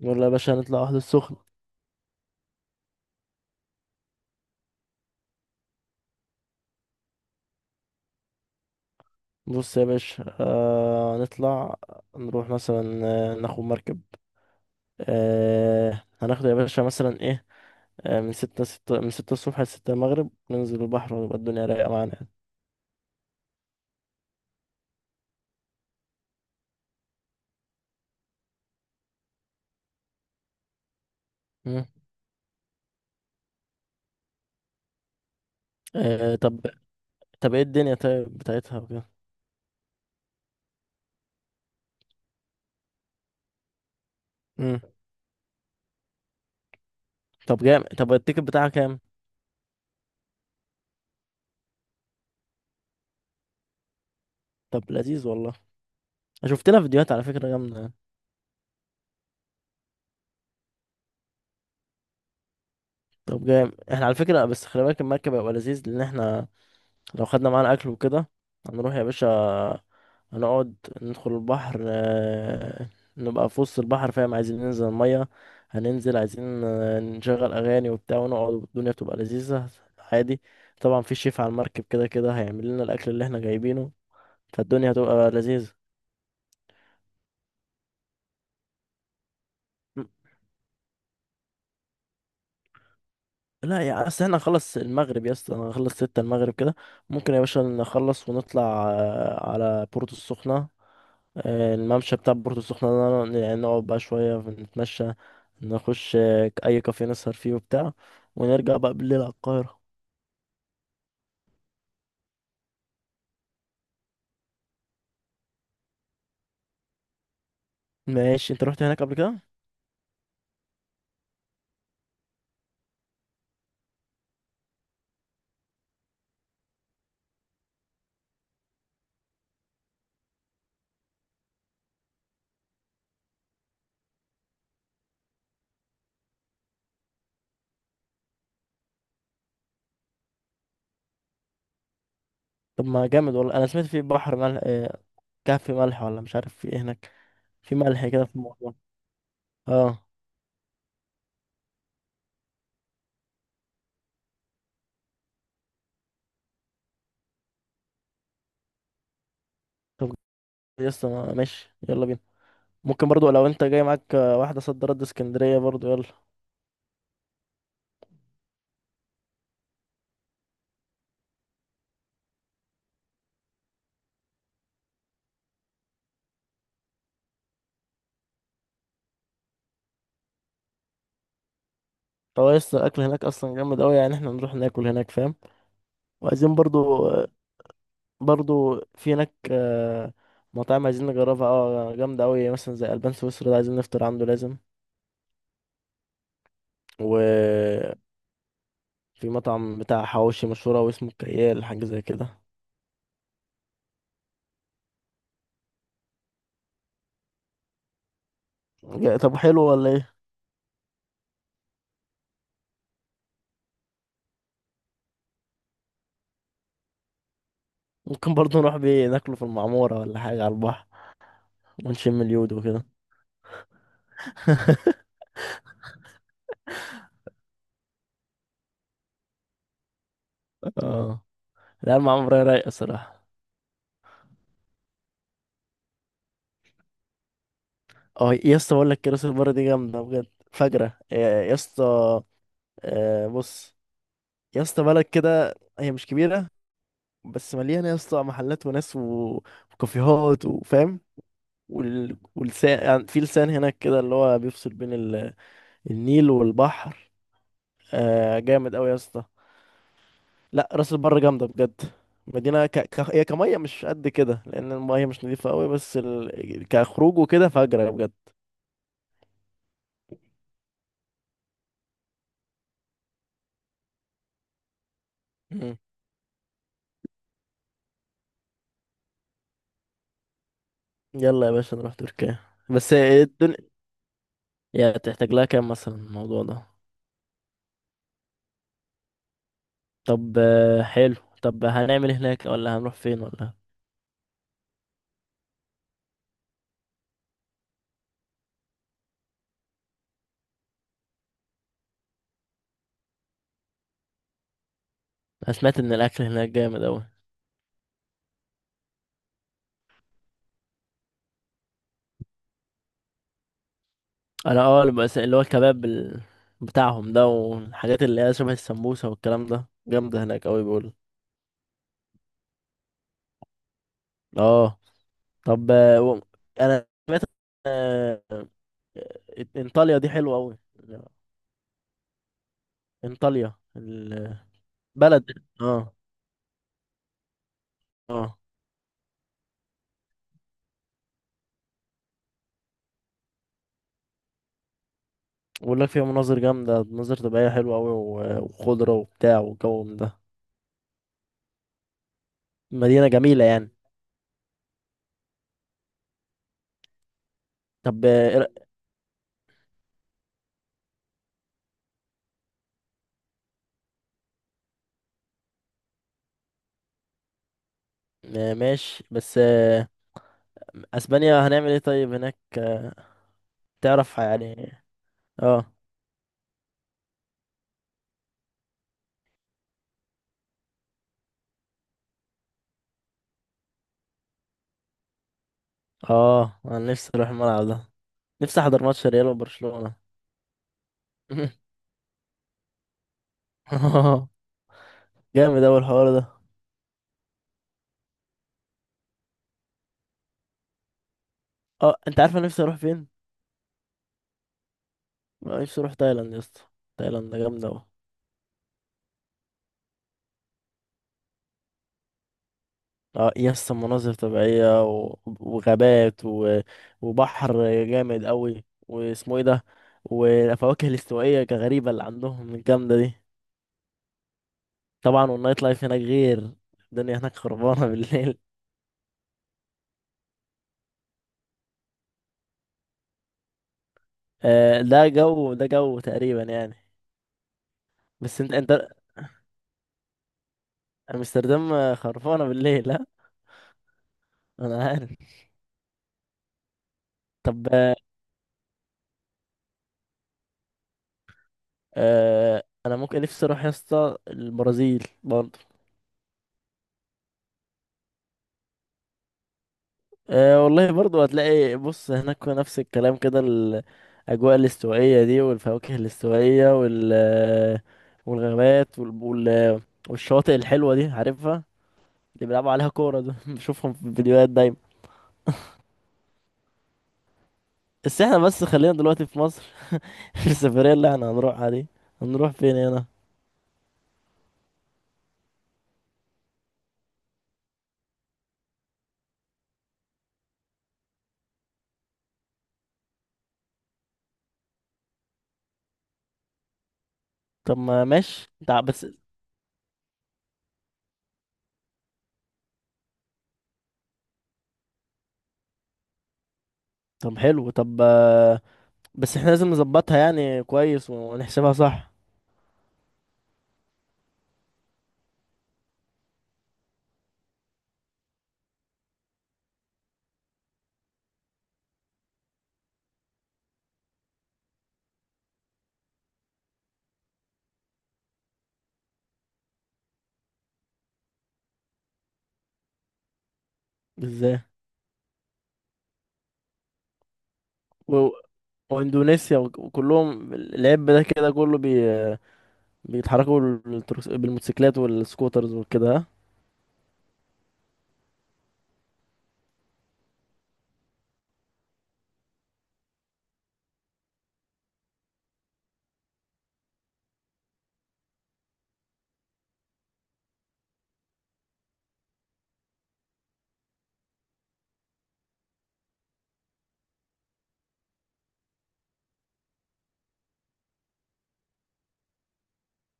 يلا يا باشا هنطلع واحدة السخنة. بص يا باشا هنطلع، نروح مثلا، ناخد مركب، هناخد يا باشا مثلا ايه، من ستة ستة من 6 الصبح ل6 المغرب، ننزل البحر ويبقى الدنيا رايقة معانا يعني. مم. آه طب طب ايه الدنيا طيب بتاعتها وكده. مم. طب جامد. طب التيكت بتاعها كام؟ طب لذيذ والله، شفت لها فيديوهات على فكرة جامدة يعني. طب جامد. احنا على فكرة، بس خلي بالك المركب هيبقى لذيذ، لأن احنا لو خدنا معانا اكل وكده هنروح يا باشا، هنقعد، ندخل البحر، نبقى في وسط البحر فاهم، عايزين ننزل المية، هننزل عايزين نشغل أغاني وبتاع ونقعد والدنيا بتبقى لذيذة عادي. طبعا في شيف على المركب كده كده هيعمل لنا الأكل اللي احنا جايبينه، فالدنيا هتبقى لذيذة. م- لا، يا أصل احنا نخلص المغرب يا اسطى، هنخلص 6 المغرب كده، ممكن يا باشا نخلص ونطلع على بورتو السخنة، الممشى بتاع بورتو السخنة ده يعني نقعد بقى شوية نتمشى، نخش أي كافيه نسهر فيه وبتاع، ونرجع بقى بالليل على القاهرة. ماشي، انت رحت هناك قبل كده؟ طب ما جامد والله، أنا سمعت في بحر ملح، كهف ملح ولا مش عارف في ايه هناك، في ملح كده في الموضوع. اه. طب يسطا ماشي يلا بينا، ممكن برضو لو انت جاي معاك واحدة صد رد اسكندرية برضو، يلا. هو يسطا الأكل هناك أصلا جامد أوي يعني، احنا نروح ناكل هناك فاهم، وعايزين برضو برضو في هناك مطاعم عايزين نجربها، اه جامدة أوي، مثلا زي ألبان سويسرا ده عايزين نفطر عنده لازم. وفي مطعم بتاع حواوشي مشهور أوي اسمه كيال، حاجة زي كده. طب حلو ولا ايه؟ ممكن برضو نروح بيه ناكله في المعمورة ولا حاجة على البحر، ونشم اليود وكده. اه، لا المعمورة رايقة صراحة. اه يا اسطى، بقول لك كراسي البرة دي جامدة بجد، فجرة يا اسطى، بص يا اسطى، بلد كده هي مش كبيرة، بس مليانه يا اسطى محلات وناس وكافيهات، وفاهم، واللسان، يعني في لسان هناك كده اللي هو بيفصل بين النيل والبحر. آه جامد قوي يا اسطى، لا راس البر جامده بجد. مدينه هي كميه مش قد كده لان الميه مش نظيفه قوي، بس كخروج وكده فجره بجد. مم. يلا يا باشا نروح تركيا. بس الدنيا يعني تحتاج لها كام مثلا الموضوع ده؟ طب حلو. طب هنعمل هناك ولا هنروح فين ولا؟ انا سمعت ان الاكل هناك جامد اوي. انا اه اللي اللي هو الكباب بتاعهم ده، والحاجات اللي هي شبه السمبوسه والكلام ده جامده هناك قوي بيقول. اه، طب انا سمعت، آه، آه، انطاليا دي حلوه قوي، انطاليا البلد. اه. اه، بقول لك فيها مناظر جامده، مناظر طبيعيه حلوه قوي، وخضره وبتاع، والجو من ده، مدينه جميله يعني. طب إيه ماشي، بس اسبانيا هنعمل ايه طيب هناك، تعرف يعني. اه. اه، انا نفسي اروح الملعب ده، نفسي احضر ماتش ريال وبرشلونة. اه جامد اوي الحوار ده. اه، انت عارف انا نفسي اروح فين؟ أنا نفسي اروح تايلاند يا اسطى، تايلاند جامده اوي. اه يا اسطى، مناظر طبيعيه وغابات وبحر جامد اوي، واسمه ايه ده، والفواكه الاستوائيه غريبه اللي عندهم الجامده دي. طبعا والنايت لايف هناك غير، الدنيا هناك خربانه بالليل. آه ده جو، ده جو تقريبا يعني. بس انت امستردام خرفانه بالليل ها؟ انا عارف. طب آه، انا ممكن نفسي اروح يا اسطى البرازيل برضه. آه والله برضه هتلاقي، بص هناك نفس الكلام كده، الاجواء الاستوائيه دي، والفواكه الاستوائيه والغابات والشواطئ الحلوه دي عارفها، اللي بيلعبوا عليها كوره ده بشوفهم في الفيديوهات دايما. بس احنا بس خلينا دلوقتي في مصر، في السفريه اللي احنا هنروحها دي، هنروح فين هنا؟ طب ما ماشي بس. طب حلو، طب بس احنا لازم نظبطها يعني كويس، ونحسبها صح. ازاي؟ و... واندونيسيا وكلهم، العب ده كده كله بيتحركوا بالموتوسيكلات والسكوترز وكده، ها؟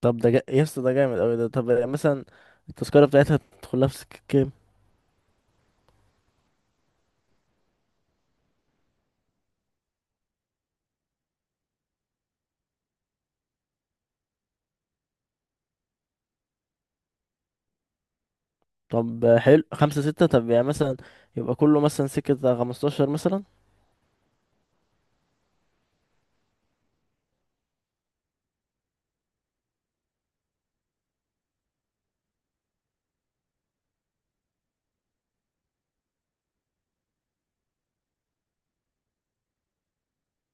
طب يا اسطى ده جامد اوي ده، طب يعني مثلا التذكرة بتاعتها تدخلها في سكة كام؟ طب حلو، خمسة ستة. طب يعني مثلا يبقى كله مثلا سكة 15 مثلا.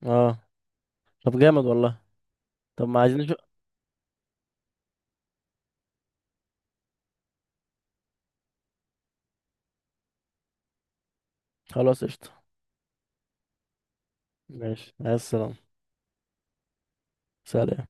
اه طب جامد والله. طب ما عايزين نشوف. خلاص، قشطة. ماشي، عايز السلامة. سلام.